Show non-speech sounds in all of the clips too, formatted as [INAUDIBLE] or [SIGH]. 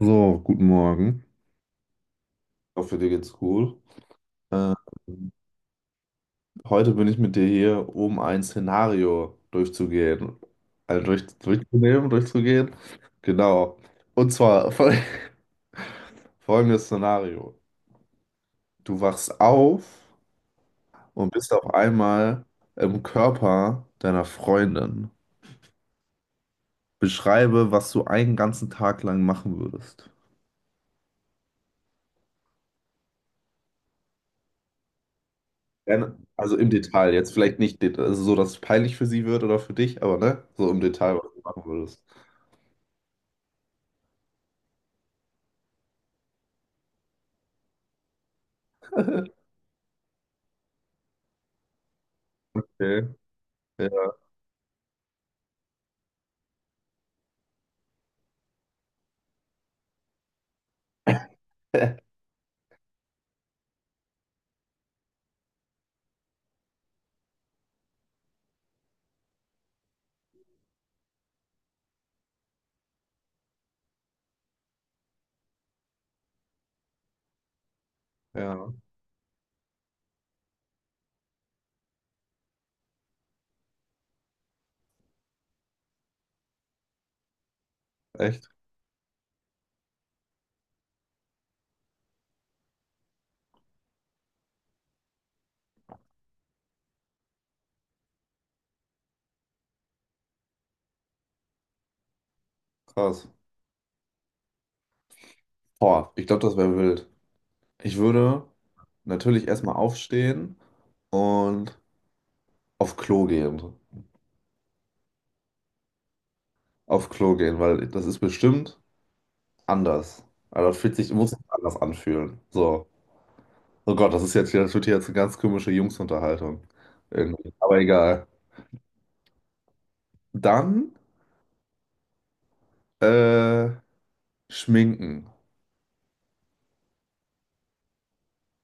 So, guten Morgen. Ich hoffe, dir geht's gut. Ähm, Heute bin ich mit dir hier, um ein Szenario durchzugehen. Also durchzunehmen, durchzugehen. Genau. Und zwar [LAUGHS] folgendes Szenario. Du wachst auf und bist auf einmal im Körper deiner Freundin. Beschreibe, was du einen ganzen Tag lang machen würdest. Gerne. Also im Detail. Jetzt vielleicht nicht also so, dass es peinlich für sie wird oder für dich, aber ne? So im Detail, was du machen würdest. [LAUGHS] Okay. Ja, [LAUGHS] ja, echt krass. Boah, ich glaube, das wäre wild. Ich würde natürlich erstmal aufstehen und auf Klo gehen. Auf Klo gehen, weil das ist bestimmt anders. Also das fühlt sich, muss sich anders anfühlen. So. Oh Gott, das ist jetzt hier, das wird hier jetzt eine ganz komische Jungsunterhaltung. Irgendwie. Aber egal. Dann äh, schminken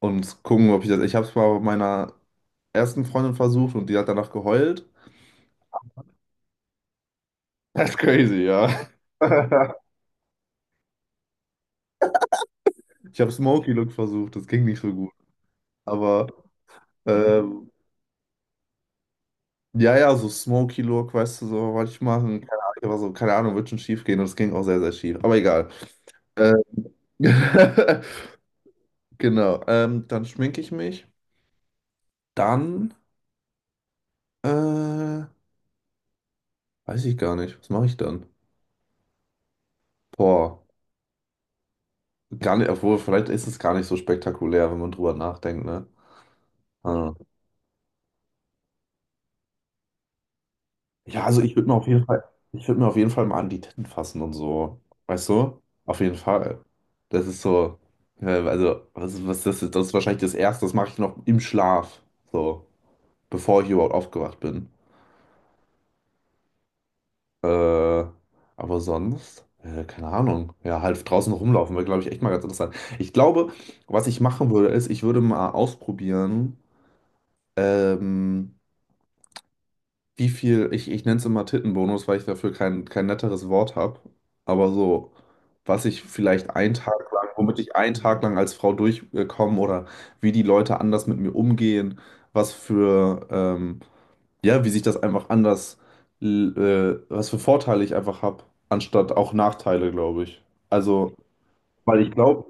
und gucken, ob ich das. Ich habe es mal bei meiner ersten Freundin versucht und die hat danach geheult. Das ist crazy, ja. [LAUGHS] Ich habe Smoky Look versucht, das ging nicht so gut. Aber ähm, ja, ja, so Smoky Look, weißt du, so wollte ich machen. Keine Ahnung, aber so, keine Ahnung, wird schon schief gehen und es ging auch sehr, sehr schief. Aber egal. Ähm, [LAUGHS] genau. Dann schminke ich mich. Dann äh, weiß ich gar nicht. Was mache ich dann? Boah, gar nicht, obwohl, vielleicht ist es gar nicht so spektakulär, wenn man drüber nachdenkt, ne? Ah. Ja, also ich würde mir auf jeden Fall, ich würde mir auf jeden Fall mal an die Titten fassen und so. Weißt du? Auf jeden Fall. Das ist so, also, was das ist wahrscheinlich das Erste, das mache ich noch im Schlaf. So, bevor ich überhaupt aufgewacht bin. Äh, aber sonst, keine Ahnung. Ja, halt draußen rumlaufen wäre, glaube ich, echt mal ganz interessant. Ich glaube, was ich machen würde, ist, ich würde mal ausprobieren, ähm, wie viel, ich nenne es immer Tittenbonus, weil ich dafür kein netteres Wort habe, aber so, was ich vielleicht einen Tag lang, womit ich einen Tag lang als Frau durchkomme oder wie die Leute anders mit mir umgehen, was für, ja, wie sich das einfach anders, l- was für Vorteile ich einfach habe, anstatt auch Nachteile, glaube ich. Also, weil ich glaube,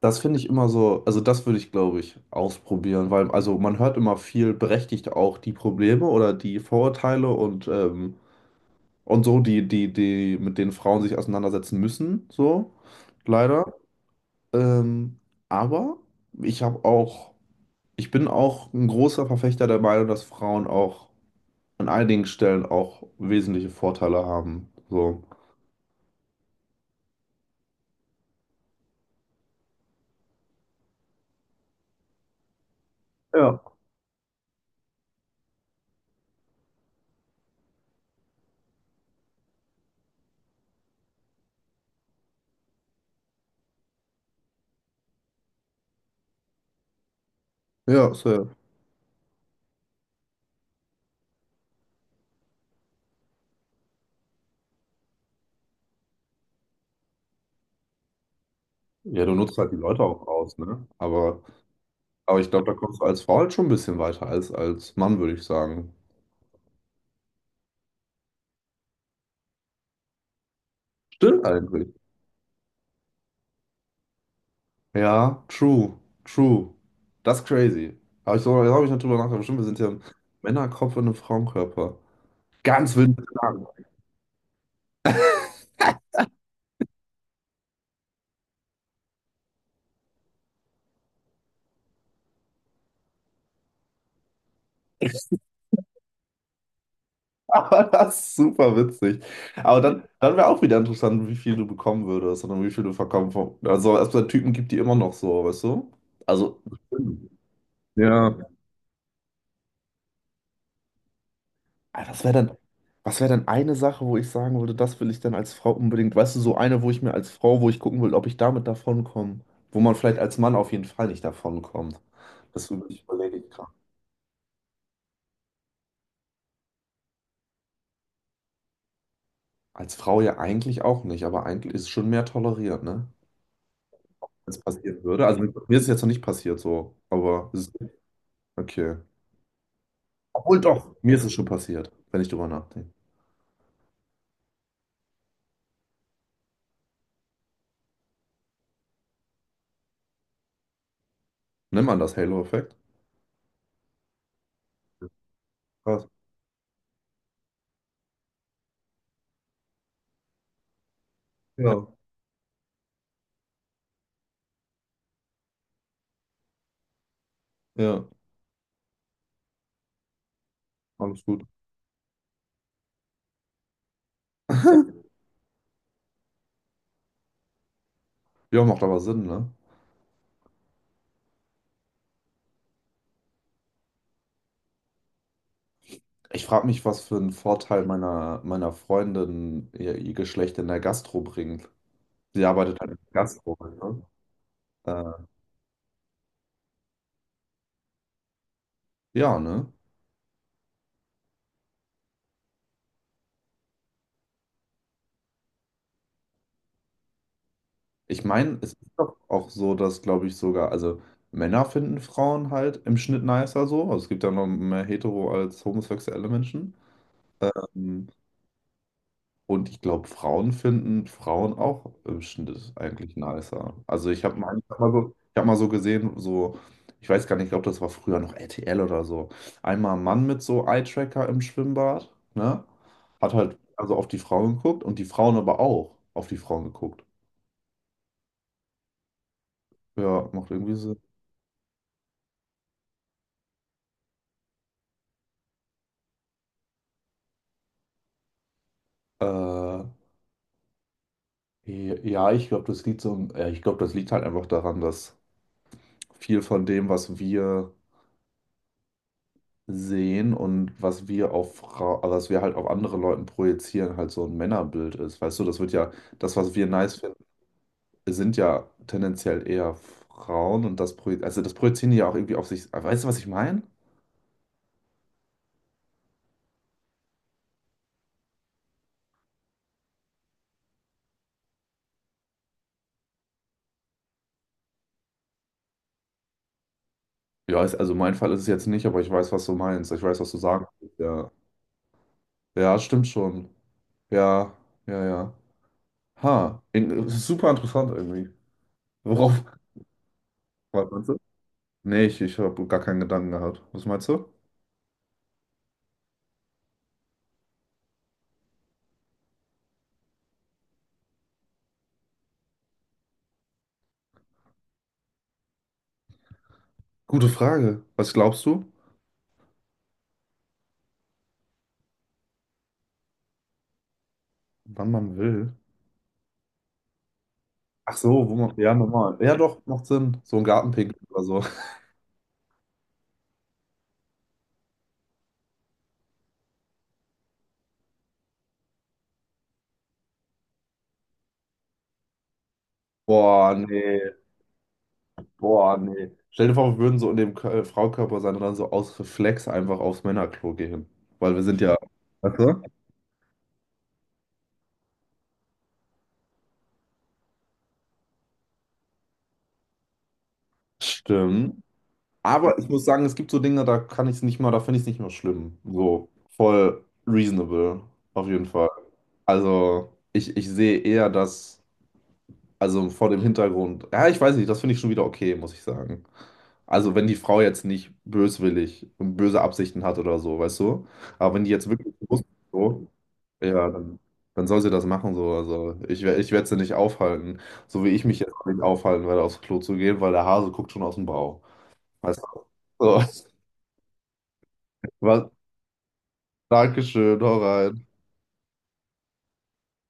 das finde ich immer so, also das würde ich, glaube ich, ausprobieren, weil also man hört immer viel berechtigt auch die Probleme oder die Vorurteile und so, die mit denen Frauen sich auseinandersetzen müssen, so, leider. Ähm, aber ich habe auch, ich bin auch ein großer Verfechter der Meinung, dass Frauen auch an einigen Stellen auch wesentliche Vorteile haben, so. Ja. Ja, safe. Ja, du nutzt halt die Leute auch aus, ne? Aber. Aber ich glaube, da kommst du als Frau halt schon ein bisschen weiter als Mann, würde ich sagen. Stimmt eigentlich. Ja, true, true. Das ist crazy. Habe ich so, da habe ich nicht drüber nachgedacht. Bestimmt, wir sind ja ein Männerkopf in einem Frauenkörper. Ganz wild. [LAUGHS] Aber das ist super witzig. Aber dann wäre auch wieder interessant, wie viel du bekommen würdest und wie viel du verkaufen. Also, es gibt Typen gibt, die immer noch so, weißt du? Also, ja. Ah, was wäre dann, was wär dann eine Sache, wo ich sagen würde, das will ich dann als Frau unbedingt, weißt du, so eine, wo ich mir als Frau, wo ich gucken will, ob ich damit davonkomme, wo man vielleicht als Mann auf jeden Fall nicht davonkommt. Das ich überlege ich gerade. Als Frau ja eigentlich auch nicht, aber eigentlich ist es schon mehr toleriert, ne? Wenn es passieren würde. Also mir ist es jetzt noch nicht passiert so, aber es ist, okay. Obwohl doch, mir ist es schon passiert, wenn ich drüber nachdenke. Nimm man das Halo-Effekt? Krass. Ja, ja, alles gut. [LAUGHS] Ja, macht aber Sinn, ne? Ich frage mich, was für einen Vorteil meiner Freundin ihr Geschlecht in der Gastro bringt. Sie arbeitet halt in der Gastro, ne? Äh, ja, ne? Ich meine, es ist doch auch so, dass, glaube ich, sogar, also Männer finden Frauen halt im Schnitt nicer so. Also es gibt ja noch mehr hetero als homosexuelle Menschen. Ähm, Und ich glaube, Frauen finden Frauen auch im Schnitt eigentlich nicer. Also ich habe mal, ich hab mal so, ich hab mal so gesehen, so, ich weiß gar nicht, ich glaube, das war früher noch RTL oder so. Einmal ein Mann mit so Eye-Tracker im Schwimmbad, ne? Hat halt also auf die Frauen geguckt und die Frauen aber auch auf die Frauen geguckt. Ja, macht irgendwie Sinn. Äh, ja, ich glaube, das liegt so, ja, ich glaube, das liegt halt einfach daran, dass viel von dem, was wir sehen und was wir auf Frau, also was wir halt auf andere Leuten projizieren, halt so ein Männerbild ist. Weißt du, das wird ja, das, was wir nice finden, sind ja tendenziell eher Frauen und das projizieren, also das projizieren die ja auch irgendwie auf sich. Weißt du, was ich meine? Ja, ist, also mein Fall ist es jetzt nicht, aber ich weiß, was du meinst. Ich weiß, was du sagen willst. Ja, ja, stimmt schon. Ja, ja, ja. Ha, in, super interessant irgendwie. Worauf? Was meinst du? Nee, ich habe gar keinen Gedanken gehabt. Was meinst du? Gute Frage. Was glaubst du? Wann man will. Ach so, wo man, ja, normal. Ja, doch, macht Sinn. So ein Gartenpicknick oder so. [LAUGHS] Boah, nee, boah, nee. Stell dir vor, wir würden so in dem Fraukörper sein und dann so aus Reflex einfach aufs Männerklo gehen. Weil wir sind ja. Weißt du? Stimmt. Aber ich muss sagen, es gibt so Dinge, da kann ich es nicht mal, da finde ich es nicht mehr schlimm. So, voll reasonable, auf jeden Fall. Also, ich sehe eher, dass. Also vor dem Hintergrund. Ja, ich weiß nicht, das finde ich schon wieder okay, muss ich sagen. Also wenn die Frau jetzt nicht böswillig und böse Absichten hat oder so, weißt du? Aber wenn die jetzt wirklich bewusst so, ja, dann, dann soll sie das machen so. Also ich, ich werde sie nicht aufhalten. So wie ich mich jetzt auch nicht aufhalten werde, aufs Klo zu gehen, weil der Hase guckt schon aus dem Bauch. Weißt du? So. [LAUGHS] Was? Dankeschön, hau rein.